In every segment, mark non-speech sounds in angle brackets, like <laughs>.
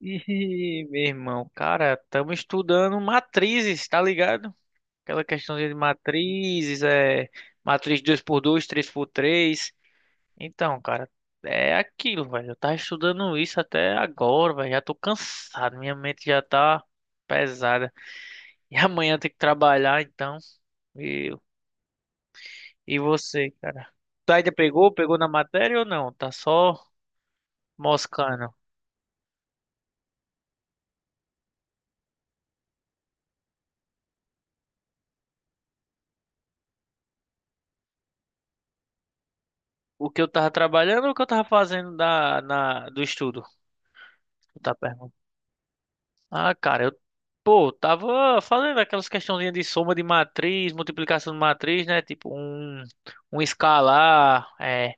Ih, meu irmão, cara, estamos estudando matrizes, tá ligado? Aquela questão de matrizes, é matriz 2 por 2, 3 por 3. Então, cara, é aquilo, velho. Eu tava estudando isso até agora, velho. Já tô cansado, minha mente já tá pesada. E amanhã tem que trabalhar, então. E, e você, cara? Tu ainda pegou? Pegou na matéria ou não? Tá só moscando. O que eu tava trabalhando ou o que eu tava fazendo da, na, do estudo? Tu tá perguntando. Ah, cara, eu, pô, tava fazendo aquelas questãozinhas de soma de matriz, multiplicação de matriz, né? Tipo, um escalar, é,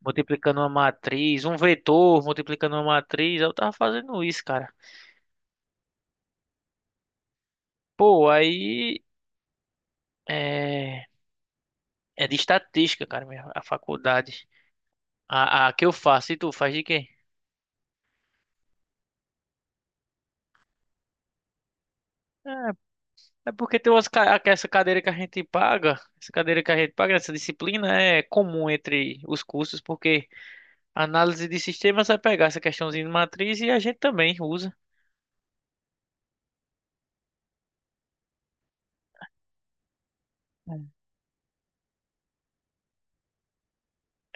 multiplicando uma matriz, um vetor multiplicando uma matriz. Eu tava fazendo isso, cara. Pô, aí é, é de estatística, cara, minha, a faculdade. A que eu faço, e tu faz de quê? É, é porque tem umas, essa cadeira que a gente paga, essa cadeira que a gente paga, essa disciplina é comum entre os cursos, porque. Análise de sistemas vai pegar essa questãozinha de matriz e a gente também usa.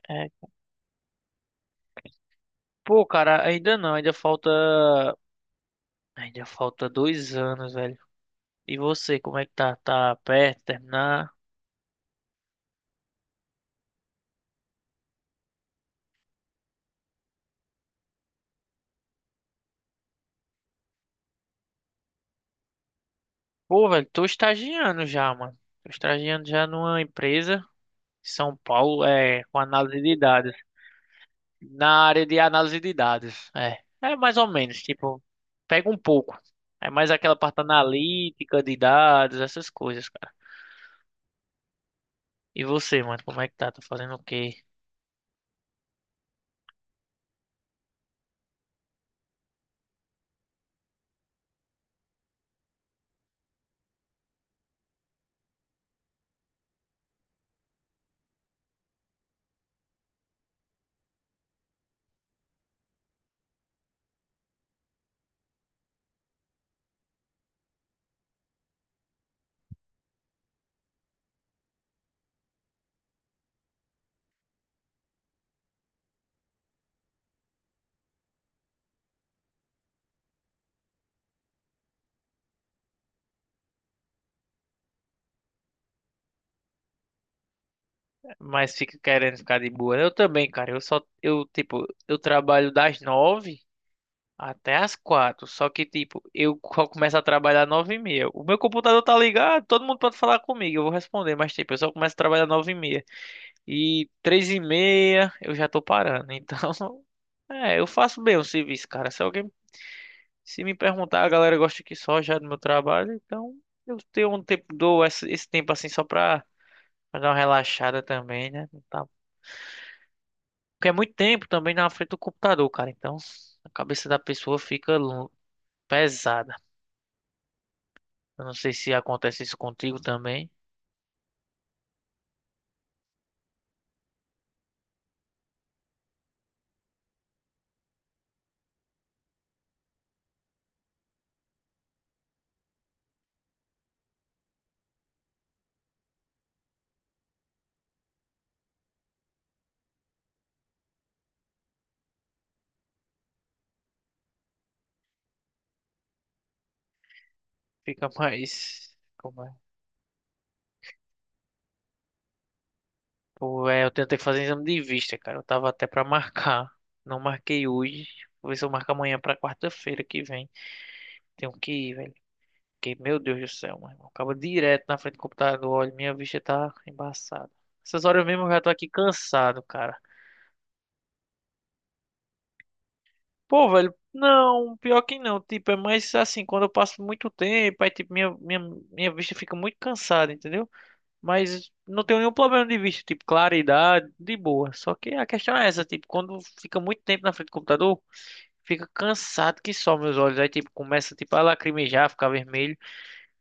É. É. Pô, cara, ainda não, ainda falta. Ainda falta 2 anos, velho. E você, como é que tá? Tá perto de terminar? Pô, velho, tô estagiando já, mano. Tô estagiando já numa empresa em São Paulo, é, com análise de dados. Na área de análise de dados, é. É mais ou menos, tipo, pega um pouco. É mais aquela parte analítica de dados, essas coisas. E você, mano, como é que tá? Tá fazendo o quê? Mas fica querendo ficar de boa, né? Eu também, cara. Eu só, eu, tipo, eu trabalho das 9h até as 16h. Só que, tipo, eu começo a trabalhar 9h30. O meu computador tá ligado, todo mundo pode falar comigo, eu vou responder. Mas, tipo, eu só começo a trabalhar 9h30. E 15h30 eu já tô parando. Então, <laughs> é, eu faço bem o serviço, cara. Se alguém, se me perguntar, a galera gosta aqui só já do meu trabalho. Então, eu tenho um tempo, dou esse tempo assim só pra pra dar uma relaxada também, né? Não tá... Porque é muito tempo também na frente do computador, cara. Então a cabeça da pessoa fica pesada. Eu não sei se acontece isso contigo também. Fica <laughs> mais. Como é? Pô, é, eu tentei fazer exame de vista, cara. Eu tava até pra marcar. Não marquei hoje. Vou ver se eu marco amanhã pra quarta-feira que vem. Tenho que ir, velho. Porque, meu Deus do céu, mano. Acaba direto na frente do computador. Olha, minha vista tá embaçada. Essas horas mesmo eu já tô aqui cansado, cara. Pô, velho, não, pior que não, tipo, é mais assim, quando eu passo muito tempo, aí, tipo, minha vista fica muito cansada, entendeu? Mas não tenho nenhum problema de vista, tipo, claridade, de boa. Só que a questão é essa, tipo, quando fica muito tempo na frente do computador, fica cansado que só meus olhos, aí, tipo, começa, tipo, a lacrimejar, ficar vermelho.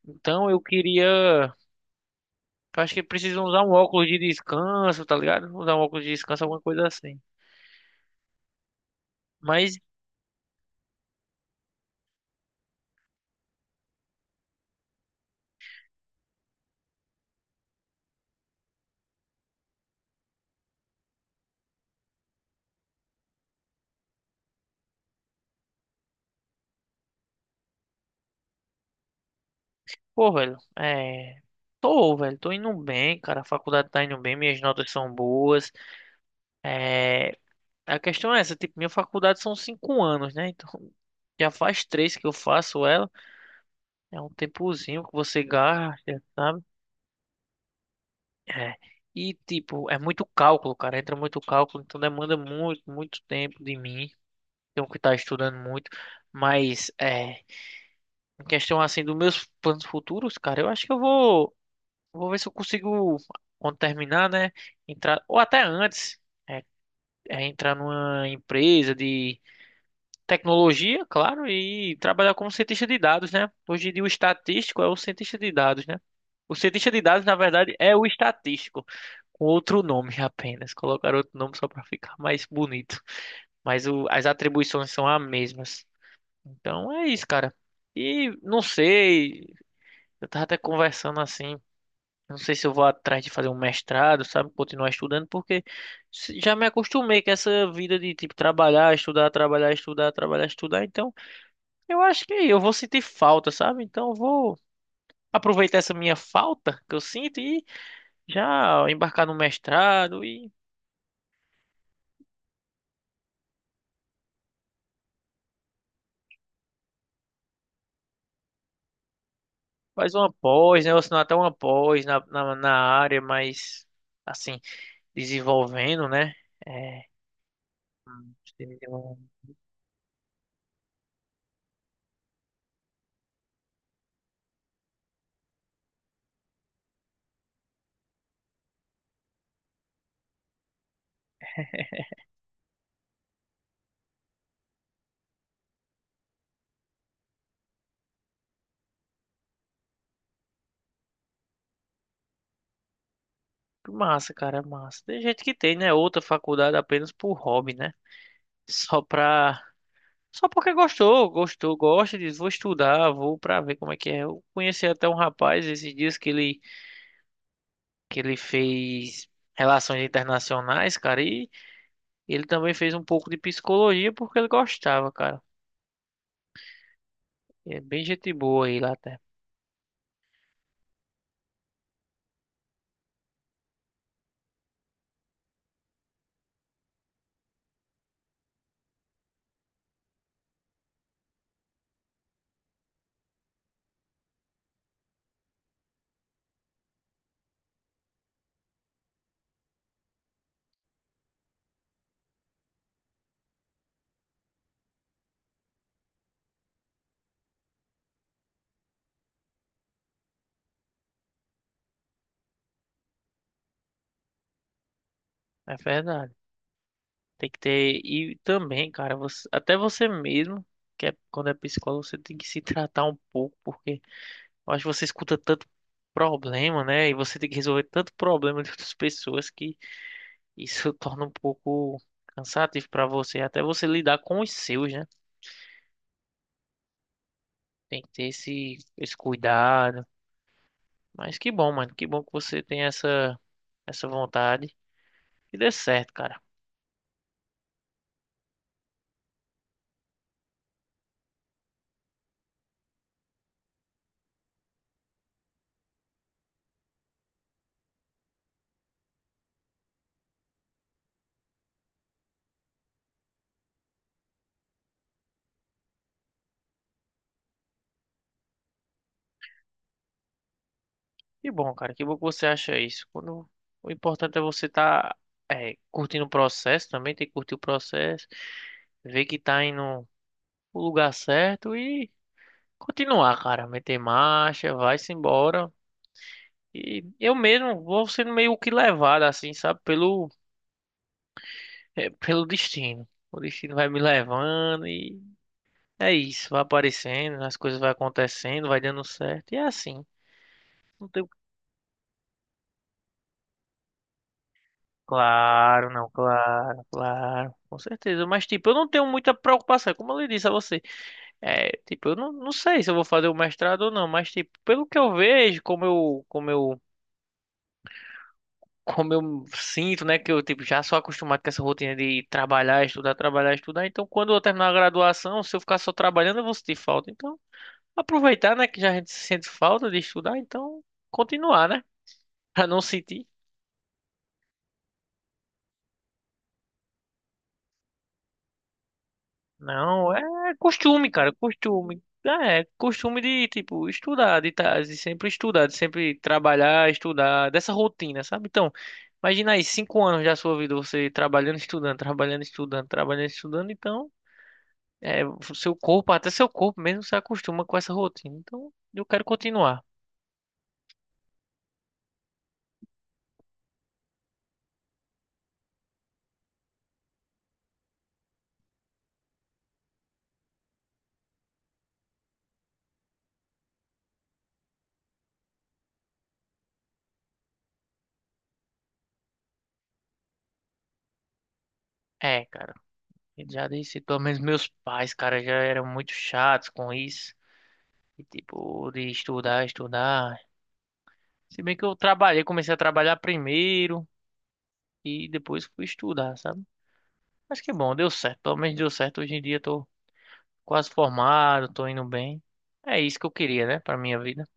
Então, eu queria, acho que precisam usar um óculos de descanso, tá ligado? Usar um óculos de descanso, alguma coisa assim. Mas pô, velho, é. Tô, velho, tô indo bem, cara. A faculdade tá indo bem, minhas notas são boas. É. A questão é essa, tipo, minha faculdade são 5 anos, né? Então, já faz 3 que eu faço ela. É um tempozinho que você gasta, sabe? É. E, tipo, é muito cálculo, cara. Entra muito cálculo, então demanda muito, muito tempo de mim. Tenho que estar estudando muito. Mas, é. Em questão, assim, dos meus planos futuros, cara, eu acho que eu vou. Vou ver se eu consigo, quando terminar, né? Entrar, ou até antes, é, é entrar numa empresa de tecnologia, claro, e trabalhar como cientista de dados, né? Hoje em dia, o estatístico é o cientista de dados, né? O cientista de dados, na verdade, é o estatístico, com outro nome apenas. Colocaram outro nome só para ficar mais bonito. Mas o... as atribuições são as mesmas. Então é isso, cara. E não sei, eu tava até conversando assim. Não sei se eu vou atrás de fazer um mestrado, sabe? Continuar estudando, porque já me acostumei com essa vida de, tipo, trabalhar, estudar, trabalhar, estudar, trabalhar, estudar. Então, eu acho que eu vou sentir falta, sabe? Então, eu vou aproveitar essa minha falta que eu sinto e já embarcar no mestrado e fazer uma pós, né? Ou senão até uma pós na área, mas, assim, desenvolvendo, né? É. Hum, desenvolvendo. Massa, cara, é massa. Tem gente que tem, né? Outra faculdade apenas por hobby, né? Só pra. Só porque gostou, gostou, gosta, diz, vou estudar, vou pra ver como é que é. Eu conheci até um rapaz esses dias que ele fez relações internacionais, cara, e ele também fez um pouco de psicologia porque ele gostava, cara. E é bem gente boa aí lá até. É verdade. Tem que ter. E também, cara, você... até você mesmo, que é, quando é psicólogo, você tem que se tratar um pouco, porque eu acho que você escuta tanto problema, né? E você tem que resolver tanto problema de outras pessoas que. Isso <laughs> torna um pouco cansativo para você, até você lidar com os seus, né? Tem que ter esse cuidado. Mas que bom, mano. Que bom que você tem essa vontade. E dê certo, cara. Que bom, cara. Que bom que você acha isso. Quando, o importante é você estar curtindo o processo também, tem que curtir o processo, ver que tá indo o lugar certo e continuar, cara. Meter marcha, vai-se embora. E eu mesmo vou sendo meio que levado, assim, sabe, pelo é pelo destino. O destino vai me levando e é isso, vai aparecendo, as coisas vai acontecendo, vai dando certo. E é assim. Não tenho... Claro, não, claro, claro, com certeza. Mas, tipo, eu não tenho muita preocupação, como eu lhe disse a você. É, tipo, eu não, não sei se eu vou fazer o mestrado ou não, mas, tipo, pelo que eu vejo, <laughs> como eu sinto, né, que eu, tipo, já sou acostumado com essa rotina de trabalhar, estudar, trabalhar, estudar. Então, quando eu terminar a graduação, se eu ficar só trabalhando, eu vou sentir falta. Então. Aproveitar, né? Que já a gente sente falta de estudar, então continuar, né? <laughs> Pra não sentir. Não, é costume, cara, costume. É, costume de, tipo, estudar, de, de sempre estudar, de sempre trabalhar, estudar, dessa rotina, sabe? Então, imagina aí, 5 anos da sua vida, você trabalhando, estudando, trabalhando, estudando, trabalhando, estudando, então, é, o seu corpo, até seu corpo mesmo se acostuma com essa rotina. Então, eu quero continuar. É, cara, já disse, pelo menos meus pais, cara, já eram muito chatos com isso. E, tipo, de estudar, estudar. Se bem que eu trabalhei, comecei a trabalhar primeiro e depois fui estudar, sabe? Mas que bom, deu certo. Pelo menos deu certo. Hoje em dia eu tô quase formado, tô indo bem. É isso que eu queria, né, pra minha vida.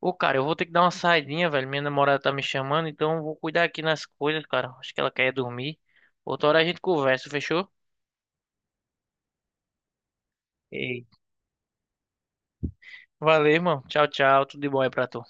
Ô, cara, eu vou ter que dar uma saidinha, velho. Minha namorada tá me chamando, então eu vou cuidar aqui nas coisas, cara. Acho que ela quer dormir. Outra hora a gente conversa, fechou? Ei. Valeu, irmão. Tchau, tchau. Tudo de bom aí pra tu.